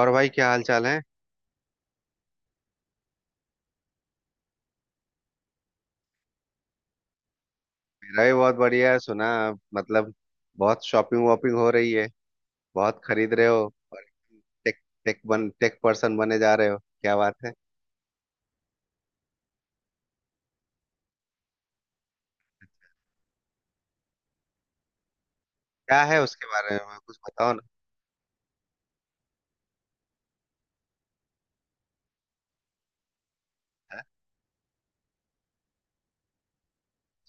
और भाई क्या हाल चाल है। मेरा भी बहुत बढ़िया है। सुना आप मतलब बहुत शॉपिंग वॉपिंग हो रही है, बहुत खरीद रहे हो। और टेक टेक बन टेक पर्सन बने जा रहे हो, क्या बात है। क्या है उसके बारे में कुछ बताओ ना।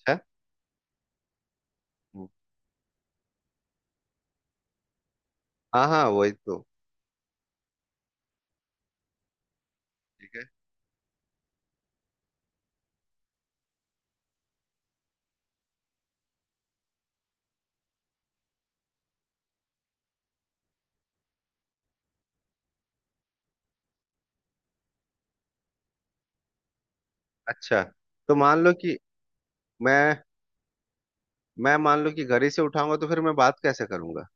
अच्छा। हम्म, हाँ हाँ वही तो। ठीक है। अच्छा, तो मान लो कि मैं मैं मान लो कि घर ही से उठाऊंगा तो फिर मैं बात कैसे करूंगा।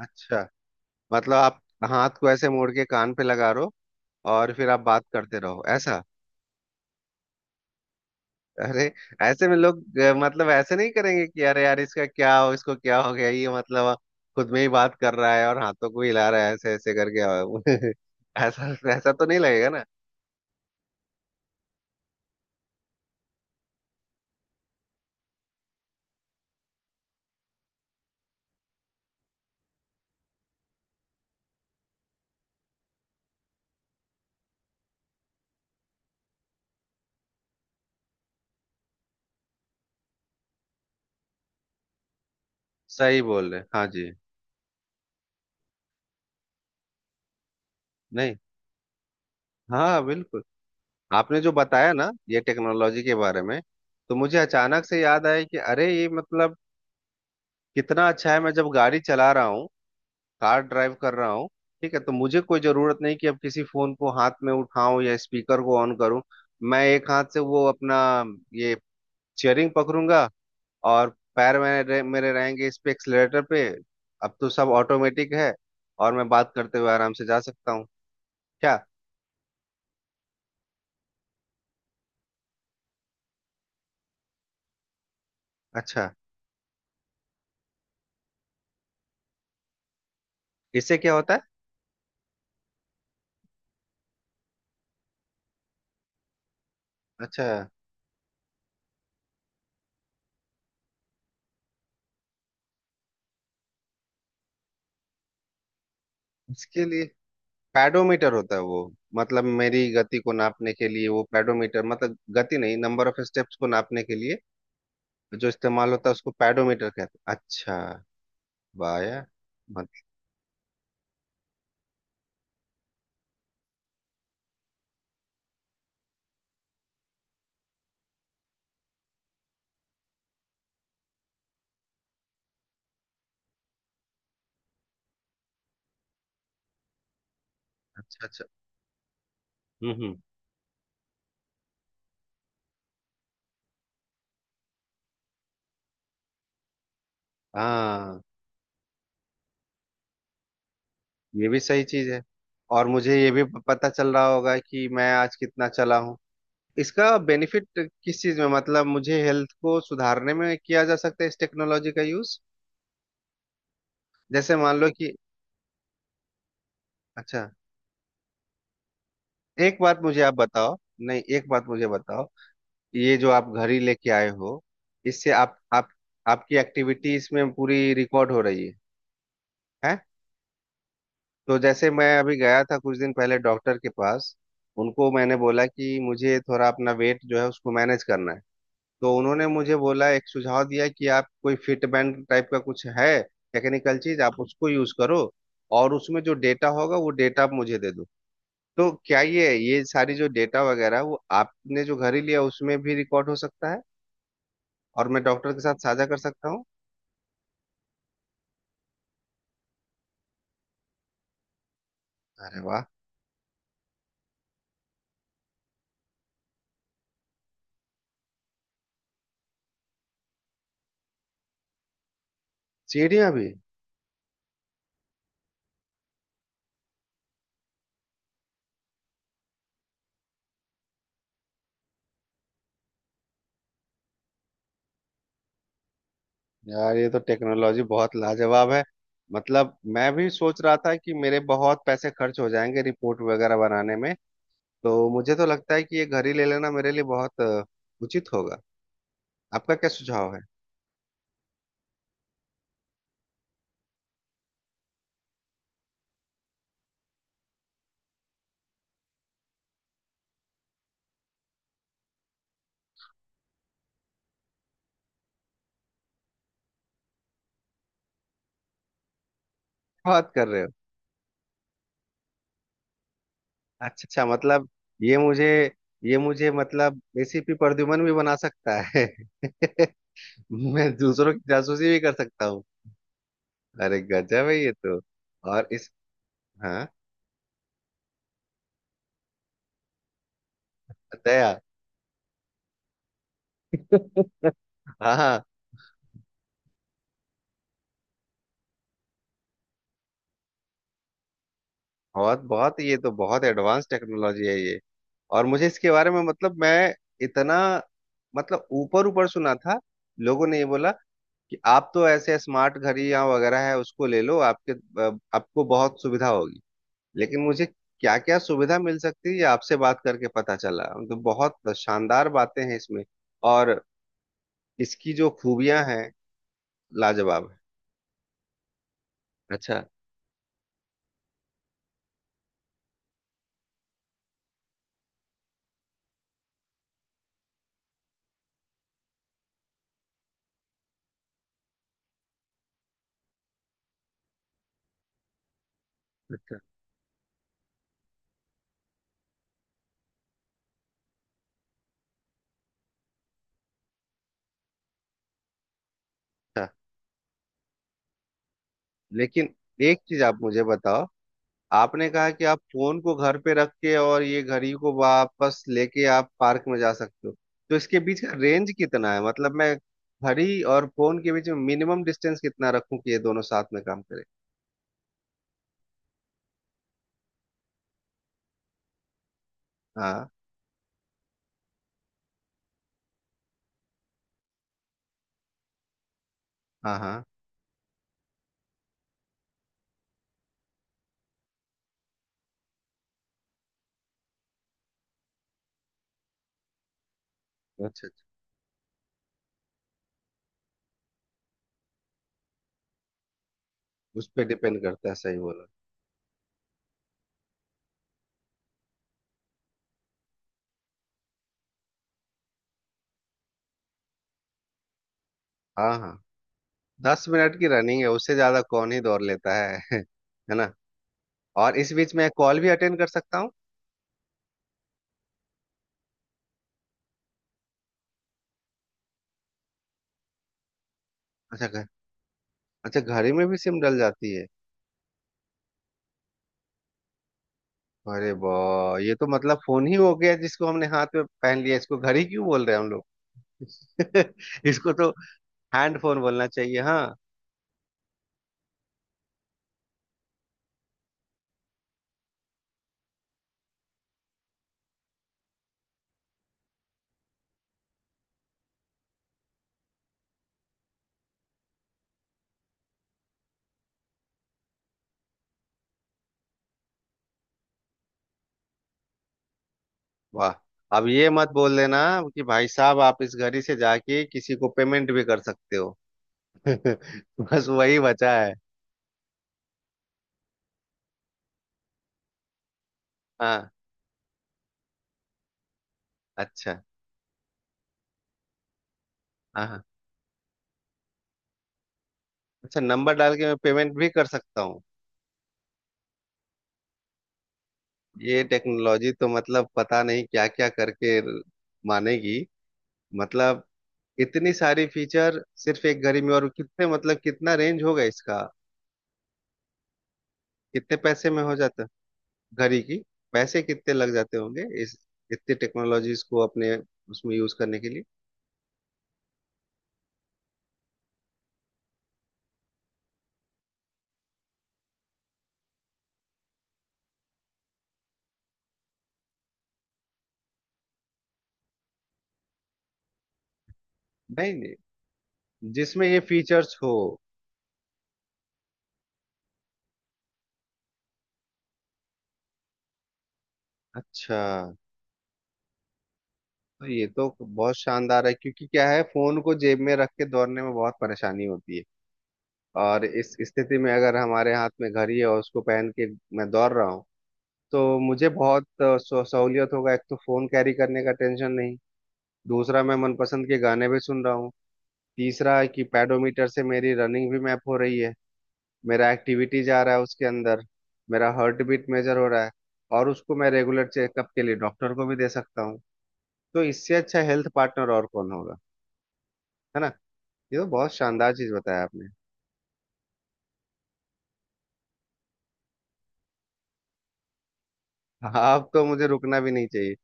अच्छा, मतलब आप हाथ को ऐसे मोड़ के कान पे लगा रहो और फिर आप बात करते रहो ऐसा। अरे, ऐसे में लोग मतलब ऐसे नहीं करेंगे कि अरे यार इसका क्या हो, इसको क्या हो गया ये, मतलब खुद में ही बात कर रहा है और हाथों को हिला रहा है ऐसे ऐसे करके ऐसा ऐसा तो नहीं लगेगा ना। सही बोल रहे हैं। हाँ जी। नहीं, हाँ बिल्कुल। आपने जो बताया ना ये टेक्नोलॉजी के बारे में, तो मुझे अचानक से याद आया कि अरे ये मतलब कितना अच्छा है। मैं जब गाड़ी चला रहा हूँ, कार ड्राइव कर रहा हूँ, ठीक है, तो मुझे कोई जरूरत नहीं कि अब किसी फोन को हाथ में उठाऊं या स्पीकर को ऑन करूं। मैं एक हाथ से वो अपना ये चेयरिंग पकड़ूंगा, और पैर मेरे मेरे रहेंगे इस पे एक्सलेटर पे। अब तो सब ऑटोमेटिक है, और मैं बात करते हुए आराम से जा सकता हूँ। क्या। अच्छा। इससे क्या होता है। अच्छा। इसके लिए पैडोमीटर होता है वो। मतलब मेरी गति को नापने के लिए वो पैडोमीटर, मतलब गति नहीं, नंबर ऑफ स्टेप्स को नापने के लिए जो इस्तेमाल होता है उसको पैडोमीटर कहते हैं, अच्छा। वाह यार। मतलब। अच्छा अच्छा। हम्म। हाँ, ये भी सही चीज है। और मुझे ये भी पता चल रहा होगा कि मैं आज कितना चला हूँ। इसका बेनिफिट किस चीज में, मतलब मुझे हेल्थ को सुधारने में किया जा सकता है इस टेक्नोलॉजी का यूज। जैसे मान लो कि, अच्छा, एक बात मुझे आप बताओ। नहीं, एक बात मुझे बताओ, ये जो आप घड़ी लेके आए हो, इससे आप आपकी एक्टिविटीज में पूरी रिकॉर्ड हो रही है है। तो जैसे मैं अभी गया था कुछ दिन पहले डॉक्टर के पास, उनको मैंने बोला कि मुझे थोड़ा अपना वेट जो है उसको मैनेज करना है। तो उन्होंने मुझे बोला, एक सुझाव दिया कि आप कोई फिट बैंड टाइप का कुछ है टेक्निकल चीज आप उसको यूज करो, और उसमें जो डेटा होगा वो डेटा आप मुझे दे दो। तो क्या ये सारी जो डेटा वगैरह वो आपने जो घर ही लिया उसमें भी रिकॉर्ड हो सकता है, और मैं डॉक्टर के साथ साझा कर सकता हूँ। अरे वाह। सीढ़ियाँ भी। यार ये तो टेक्नोलॉजी बहुत लाजवाब है। मतलब मैं भी सोच रहा था कि मेरे बहुत पैसे खर्च हो जाएंगे रिपोर्ट वगैरह बनाने में। तो मुझे तो लगता है कि ये घर ही ले लेना मेरे लिए बहुत उचित होगा। आपका क्या सुझाव है। बात कर रहे हो। अच्छा अच्छा, मतलब ये मुझे, ये मुझे मतलब एसीपी प्रद्युमन भी बना सकता है। मैं दूसरों की जासूसी भी कर सकता हूँ। अरे गजब है ये तो। और इस, हाँ। दया। हाँ। बहुत बहुत, ये तो बहुत एडवांस टेक्नोलॉजी है ये। और मुझे इसके बारे में, मतलब मैं इतना, मतलब ऊपर ऊपर सुना था, लोगों ने ये बोला कि आप तो ऐसे स्मार्ट घड़ी या वगैरह है उसको ले लो आपके आपको बहुत सुविधा होगी। लेकिन मुझे क्या क्या सुविधा मिल सकती है ये आपसे बात करके पता चला, तो बहुत शानदार बातें हैं इसमें, और इसकी जो खूबियां हैं, लाजवाब है। अच्छा। अच्छा। अच्छा, लेकिन एक चीज आप मुझे बताओ, आपने कहा कि आप फोन को घर पे रख के और ये घड़ी को वापस लेके आप पार्क में जा सकते हो, तो इसके बीच का रेंज कितना है, मतलब मैं घड़ी और फोन के बीच में मिनिमम डिस्टेंस कितना रखूं कि ये दोनों साथ में काम करें। हाँ। हाँ हाँ। अच्छा अच्छा। उस पर डिपेंड करता है, सही बोला। हाँ हाँ। 10 मिनट की रनिंग है, उससे ज्यादा कौन ही दौड़ लेता है है ना। और इस बीच में कॉल भी अटेंड कर सकता हूँ। अच्छा घर, अच्छा घड़ी में भी सिम डल जाती है। अरे वाह, ये तो मतलब फोन ही हो गया जिसको हमने हाथ में पहन लिया, इसको घड़ी क्यों बोल रहे हैं हम लोग। इसको तो हैंड फोन बोलना चाहिए, हाँ। वाह। अब ये मत बोल देना कि भाई साहब आप इस घड़ी से जाके किसी को पेमेंट भी कर सकते हो। बस वही बचा है। हाँ। अच्छा। हाँ हाँ। अच्छा, नंबर डाल के मैं पेमेंट भी कर सकता हूँ। ये टेक्नोलॉजी तो मतलब पता नहीं क्या क्या करके मानेगी। मतलब इतनी सारी फीचर सिर्फ एक घड़ी में, और कितने, मतलब कितना रेंज होगा इसका, कितने पैसे में हो जाता। घड़ी की। पैसे कितने लग जाते होंगे इस इतनी टेक्नोलॉजीज को अपने उसमें यूज करने के लिए। नहीं नहीं, जिसमें ये फीचर्स हो। अच्छा। तो ये तो बहुत शानदार है, क्योंकि क्या है, फोन को जेब में रख के दौड़ने में बहुत परेशानी होती है, और इस स्थिति में अगर हमारे हाथ में घड़ी है और उसको पहन के मैं दौड़ रहा हूँ, तो मुझे बहुत सहूलियत होगा। एक तो फोन कैरी करने का टेंशन नहीं, दूसरा मैं मनपसंद के गाने भी सुन रहा हूँ, तीसरा है कि पैडोमीटर से मेरी रनिंग भी मैप हो रही है, मेरा एक्टिविटी जा रहा है उसके अंदर, मेरा हार्ट बीट मेजर हो रहा है, और उसको मैं रेगुलर चेकअप के लिए डॉक्टर को भी दे सकता हूँ। तो इससे अच्छा हेल्थ पार्टनर और कौन होगा, है ना। ये तो बहुत शानदार चीज बताया आपने। आप तो मुझे रुकना भी नहीं चाहिए,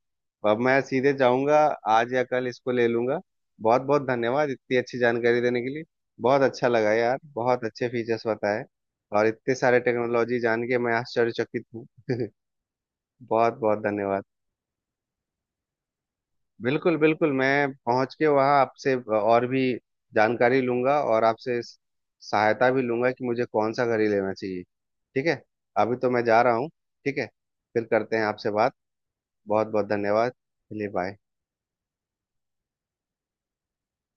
अब मैं सीधे जाऊंगा, आज या कल इसको ले लूंगा। बहुत बहुत धन्यवाद इतनी अच्छी जानकारी देने के लिए। बहुत अच्छा लगा यार, बहुत अच्छे फीचर्स बताए, और इतने सारे टेक्नोलॉजी जान के मैं आश्चर्यचकित हूँ। बहुत बहुत धन्यवाद। बिल्कुल बिल्कुल, मैं पहुंच के वहां आपसे और भी जानकारी लूंगा और आपसे सहायता भी लूंगा कि मुझे कौन सा घड़ी लेना चाहिए। ठीक है, अभी तो मैं जा रहा हूँ। ठीक है, फिर करते हैं आपसे बात। बहुत बहुत धन्यवाद, चलिए बाय।